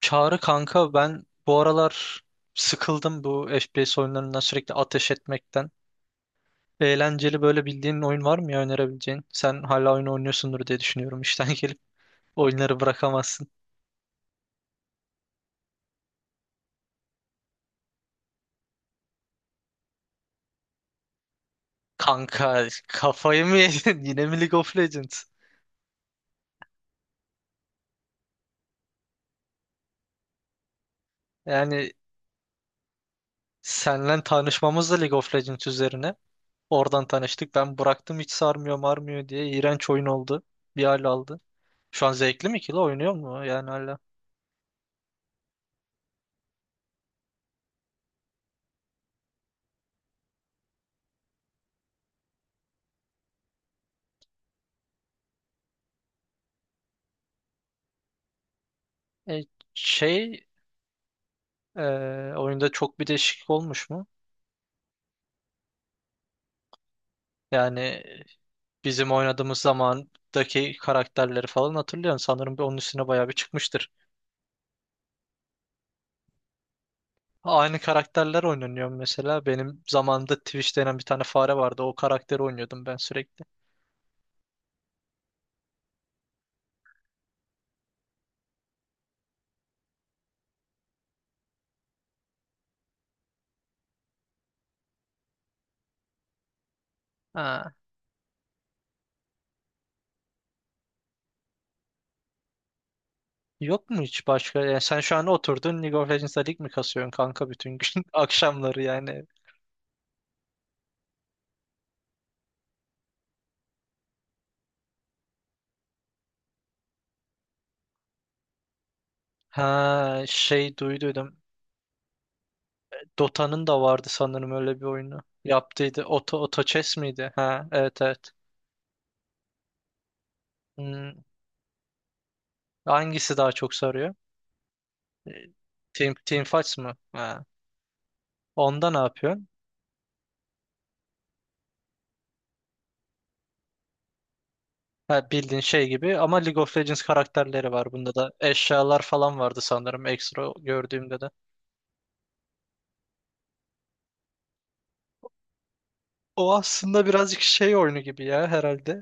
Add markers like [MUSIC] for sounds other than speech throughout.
Çağrı kanka ben bu aralar sıkıldım bu FPS oyunlarından sürekli ateş etmekten. Eğlenceli böyle bildiğin oyun var mı ya önerebileceğin? Sen hala oyun oynuyorsundur diye düşünüyorum işten [LAUGHS] gelip. Oyunları bırakamazsın. Kanka kafayı mı yedin? [LAUGHS] Yine mi League of Legends? Yani senle tanışmamız da League of Legends üzerine. Oradan tanıştık. Ben bıraktım hiç sarmıyor marmıyor diye. İğrenç oyun oldu. Bir hal aldı. Şu an zevkli mi ki la oynuyor mu yani hala? E, şey Oyunda çok bir değişiklik olmuş mu? Yani bizim oynadığımız zamandaki karakterleri falan hatırlıyorum. Sanırım bir onun üstüne bayağı bir çıkmıştır. Aynı karakterler oynanıyor mesela. Benim zamanımda Twitch denen bir tane fare vardı. O karakteri oynuyordum ben sürekli. Ha. Yok mu hiç başka? Yani sen şu an oturdun League of Legends'da lig mi kasıyorsun kanka bütün gün? [LAUGHS] Akşamları yani. Ha şey duyduydum. Dota'nın da vardı sanırım öyle bir oyunu. Yaptıydı. Auto Chess miydi? Ha evet evet. Hmm. Hangisi daha çok sarıyor? E, Team Fights mı? Ha. Onda ne yapıyorsun? Ha, bildiğin şey gibi ama League of Legends karakterleri var bunda da. Eşyalar falan vardı sanırım ekstra gördüğümde de. O aslında birazcık şey oyunu gibi ya herhalde.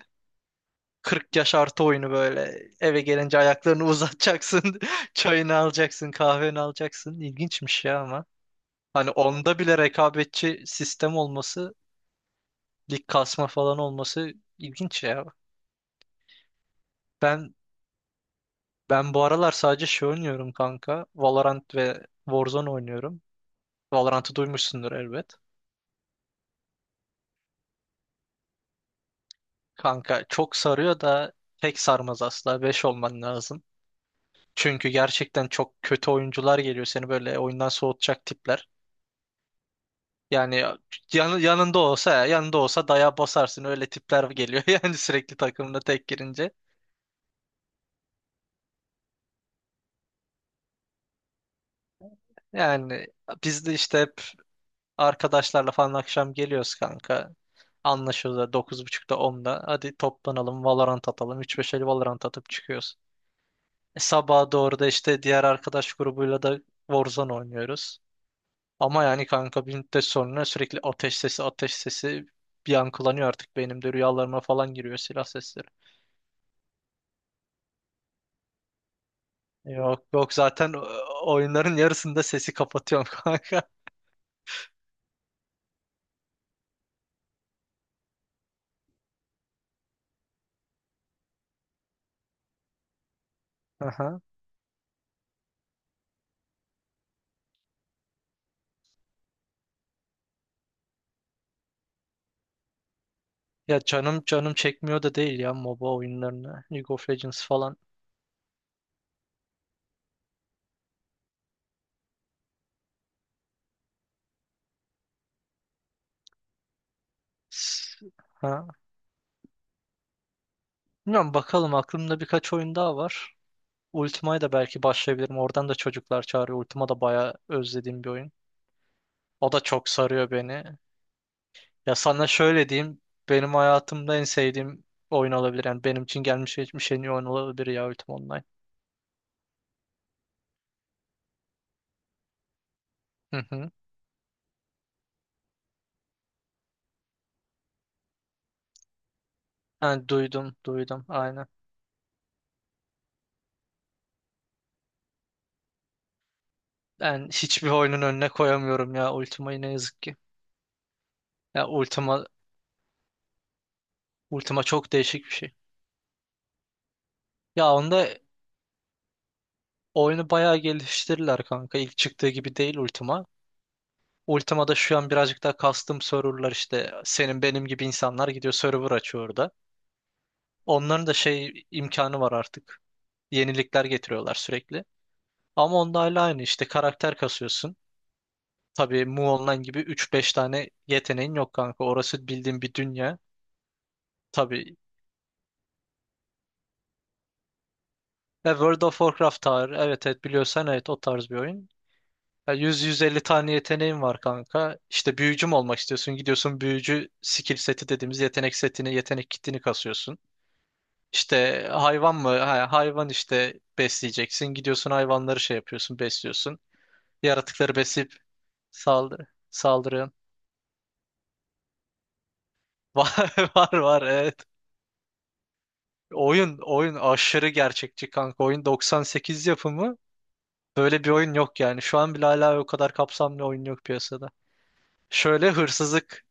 40 yaş artı oyunu böyle. Eve gelince ayaklarını uzatacaksın. [LAUGHS] Çayını alacaksın, kahveni alacaksın. İlginçmiş ya ama. Hani onda bile rekabetçi sistem olması, lig kasma falan olması ilginç ya. Ben Ben bu aralar sadece şey oynuyorum kanka. Valorant ve Warzone oynuyorum. Valorant'ı duymuşsundur elbet. Kanka çok sarıyor da tek sarmaz asla. 5 olman lazım. Çünkü gerçekten çok kötü oyuncular geliyor seni böyle oyundan soğutacak tipler. Yani yanında olsa yanında olsa daya basarsın öyle tipler geliyor [LAUGHS] yani sürekli takımda tek girince. Yani biz de işte arkadaşlarla falan akşam geliyoruz kanka. Anlaşıyoruz da dokuz buçukta onda. Hadi toplanalım Valorant atalım. Üç beş el Valorant atıp çıkıyoruz. Sabaha doğru da işte diğer arkadaş grubuyla da Warzone oynuyoruz. Ama yani kanka bir müddet sonra sürekli ateş sesi ateş sesi bir yankılanıyor artık beynimde rüyalarıma falan giriyor silah sesleri. Yok yok zaten oyunların yarısında sesi kapatıyorum [LAUGHS] kanka. Aha. Ya canım canım çekmiyor da değil ya MOBA oyunlarını. League of Legends falan. S- Ha. Bilmiyorum bakalım aklımda birkaç oyun daha var. Ultima'ya da belki başlayabilirim. Oradan da çocuklar çağırıyor. Ultima da bayağı özlediğim bir oyun. O da çok sarıyor beni. Ya sana şöyle diyeyim. Benim hayatımda en sevdiğim oyun olabilir. Yani benim için gelmiş geçmiş en iyi oyun olabilir ya Ultima Online. Hı hı. Yani duydum, duydum. Aynen. Ben hiçbir oyunun önüne koyamıyorum ya Ultima'yı ne yazık ki. Ya Ultima, Ultima çok değişik bir şey. Ya onda oyunu bayağı geliştirirler kanka. İlk çıktığı gibi değil Ultima. Ultima'da şu an birazcık daha custom serverlar işte senin benim gibi insanlar gidiyor server açıyor orada. Onların da şey imkanı var artık. Yenilikler getiriyorlar sürekli. Ama onda hala aynı işte karakter kasıyorsun. Tabii Mu Online gibi üç beş tane yeteneğin yok kanka. Orası bildiğin bir dünya. Tabii. Ya World of Warcraft tarih. Evet evet biliyorsan evet o tarz bir oyun. Ya 100-150 tane yeteneğin var kanka. İşte büyücü mü olmak istiyorsun? Gidiyorsun büyücü skill seti dediğimiz yetenek setini, yetenek kitini kasıyorsun. İşte hayvan mı? Ha, hayvan işte besleyeceksin. Gidiyorsun hayvanları şey yapıyorsun, besliyorsun. Yaratıkları besleyip saldırıyorsun. [LAUGHS] Var var var evet. Oyun aşırı gerçekçi kanka. Oyun 98 yapımı. Böyle bir oyun yok yani. Şu an bile hala o kadar kapsamlı oyun yok piyasada. Şöyle hırsızlık.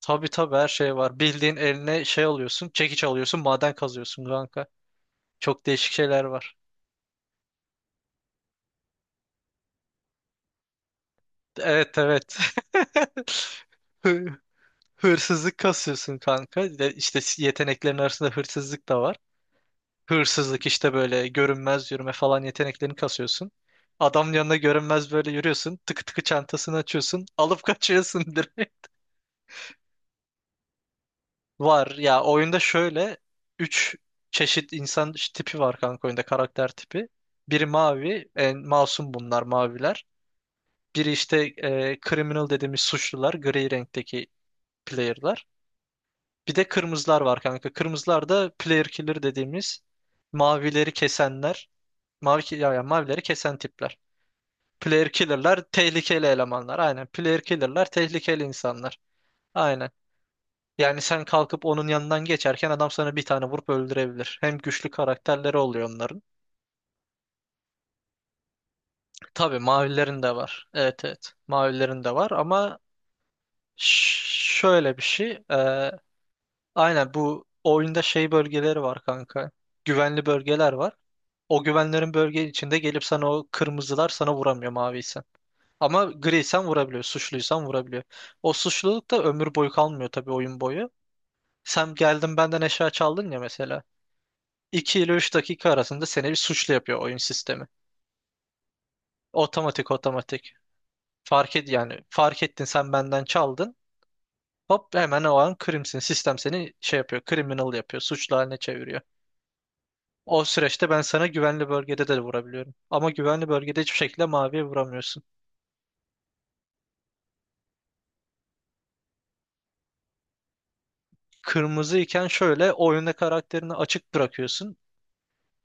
Tabii tabii her şey var. Bildiğin eline şey alıyorsun, çekiç alıyorsun, maden kazıyorsun kanka. Çok değişik şeyler var. Evet evet. [LAUGHS] Hırsızlık kasıyorsun kanka. Bir de İşte yeteneklerin arasında hırsızlık da var. Hırsızlık işte böyle görünmez yürüme falan yeteneklerini kasıyorsun. Adamın yanına görünmez böyle yürüyorsun. Tıkı tıkı çantasını açıyorsun. Alıp kaçıyorsun [LAUGHS] direkt. Var ya oyunda şöyle 3 çeşit insan tipi var kanka oyunda karakter tipi. Biri mavi, en masum bunlar maviler. Biri işte criminal dediğimiz suçlular, gri renkteki player'lar. Bir de kırmızılar var kanka. Kırmızılar da player killer dediğimiz mavileri kesenler. Mavileri kesen tipler. Player killer'lar tehlikeli elemanlar. Aynen. Player killer'lar tehlikeli insanlar. Aynen. Yani sen kalkıp onun yanından geçerken adam sana bir tane vurup öldürebilir. Hem güçlü karakterleri oluyor onların. Tabii mavilerin de var. Evet evet. Mavilerin de var ama şöyle bir şey. Aynen bu oyunda şey bölgeleri var kanka. Güvenli bölgeler var. O güvenlerin bölge içinde gelip sana o kırmızılar sana vuramıyor maviysen. Ama griysen vurabiliyor, suçluysan vurabiliyor. O suçluluk da ömür boyu kalmıyor tabii oyun boyu. Sen geldin benden eşya çaldın ya mesela. 2 ile 3 dakika arasında seni bir suçlu yapıyor oyun sistemi. Otomatik otomatik. Fark et yani fark ettin sen benden çaldın. Hop hemen o an krimsin. Sistem seni şey yapıyor, criminal yapıyor, suçlu haline çeviriyor. O süreçte ben sana güvenli bölgede de vurabiliyorum. Ama güvenli bölgede hiçbir şekilde maviye vuramıyorsun. Kırmızı iken şöyle oyunda karakterini açık bırakıyorsun.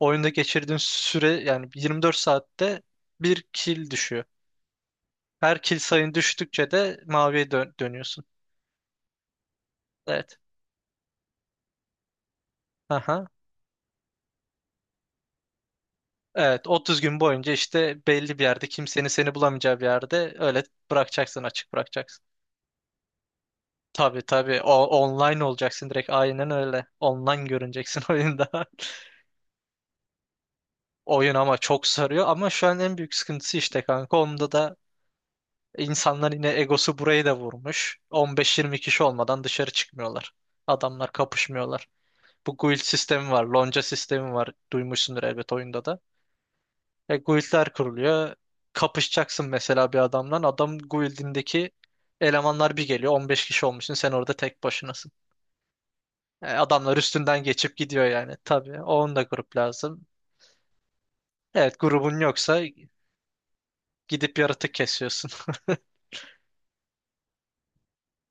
Oyunda geçirdiğin süre yani 24 saatte bir kill düşüyor. Her kill sayın düştükçe de maviye dönüyorsun. Evet. Aha. Evet 30 gün boyunca işte belli bir yerde kimsenin seni bulamayacağı bir yerde öyle açık bırakacaksın. Tabii tabii o online olacaksın direkt aynen öyle. Online görüneceksin [LAUGHS] oyunda. Oyun ama çok sarıyor ama şu an en büyük sıkıntısı işte kanka onda da İnsanlar yine egosu burayı da vurmuş. 15-20 kişi olmadan dışarı çıkmıyorlar. Adamlar kapışmıyorlar. Bu guild sistemi var, lonca sistemi var. Duymuşsundur elbet oyunda da. Guildler kuruluyor. Kapışacaksın mesela bir adamdan. Adam guildindeki elemanlar bir geliyor. 15 kişi olmuşsun. Sen orada tek başınasın. Adamlar üstünden geçip gidiyor yani. Tabii onun da grup lazım. Evet grubun yoksa gidip yaratık kesiyorsun. [LAUGHS]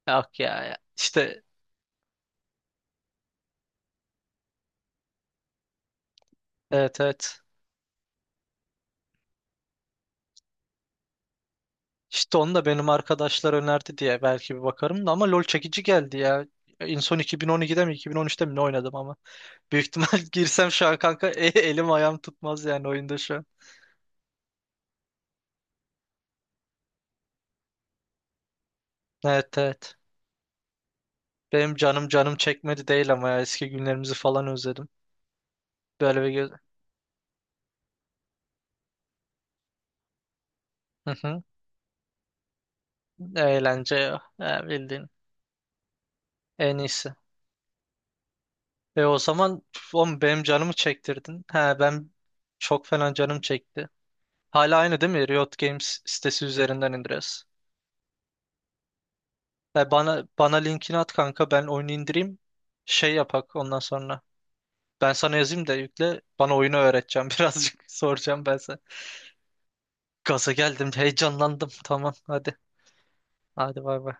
Yok ya. İşte evet evet. İşte onu da benim arkadaşlar önerdi diye belki bir bakarım da ama LoL çekici geldi ya. En son 2012'de mi 2013'te mi ne oynadım ama. Büyük ihtimal [LAUGHS] girsem şu an kanka elim ayağım tutmaz yani oyunda şu an. Evet evet. Benim canım canım çekmedi değil ama ya eski günlerimizi falan özledim. Böyle bir göz... Hı hı. Eğlence ya. Ha, bildiğin en iyisi. E o zaman oğlum benim canımı çektirdin. Ha ben çok fena canım çekti. Hala aynı değil mi? Riot Games sitesi üzerinden indiriyoruz. Ya bana linkini at kanka ben oyunu indireyim. Şey yapak ondan sonra. Ben sana yazayım da yükle. Bana oyunu öğreteceğim [LAUGHS] birazcık. Soracağım ben sana. Gaza geldim, heyecanlandım. Tamam hadi. Hadi bay bay.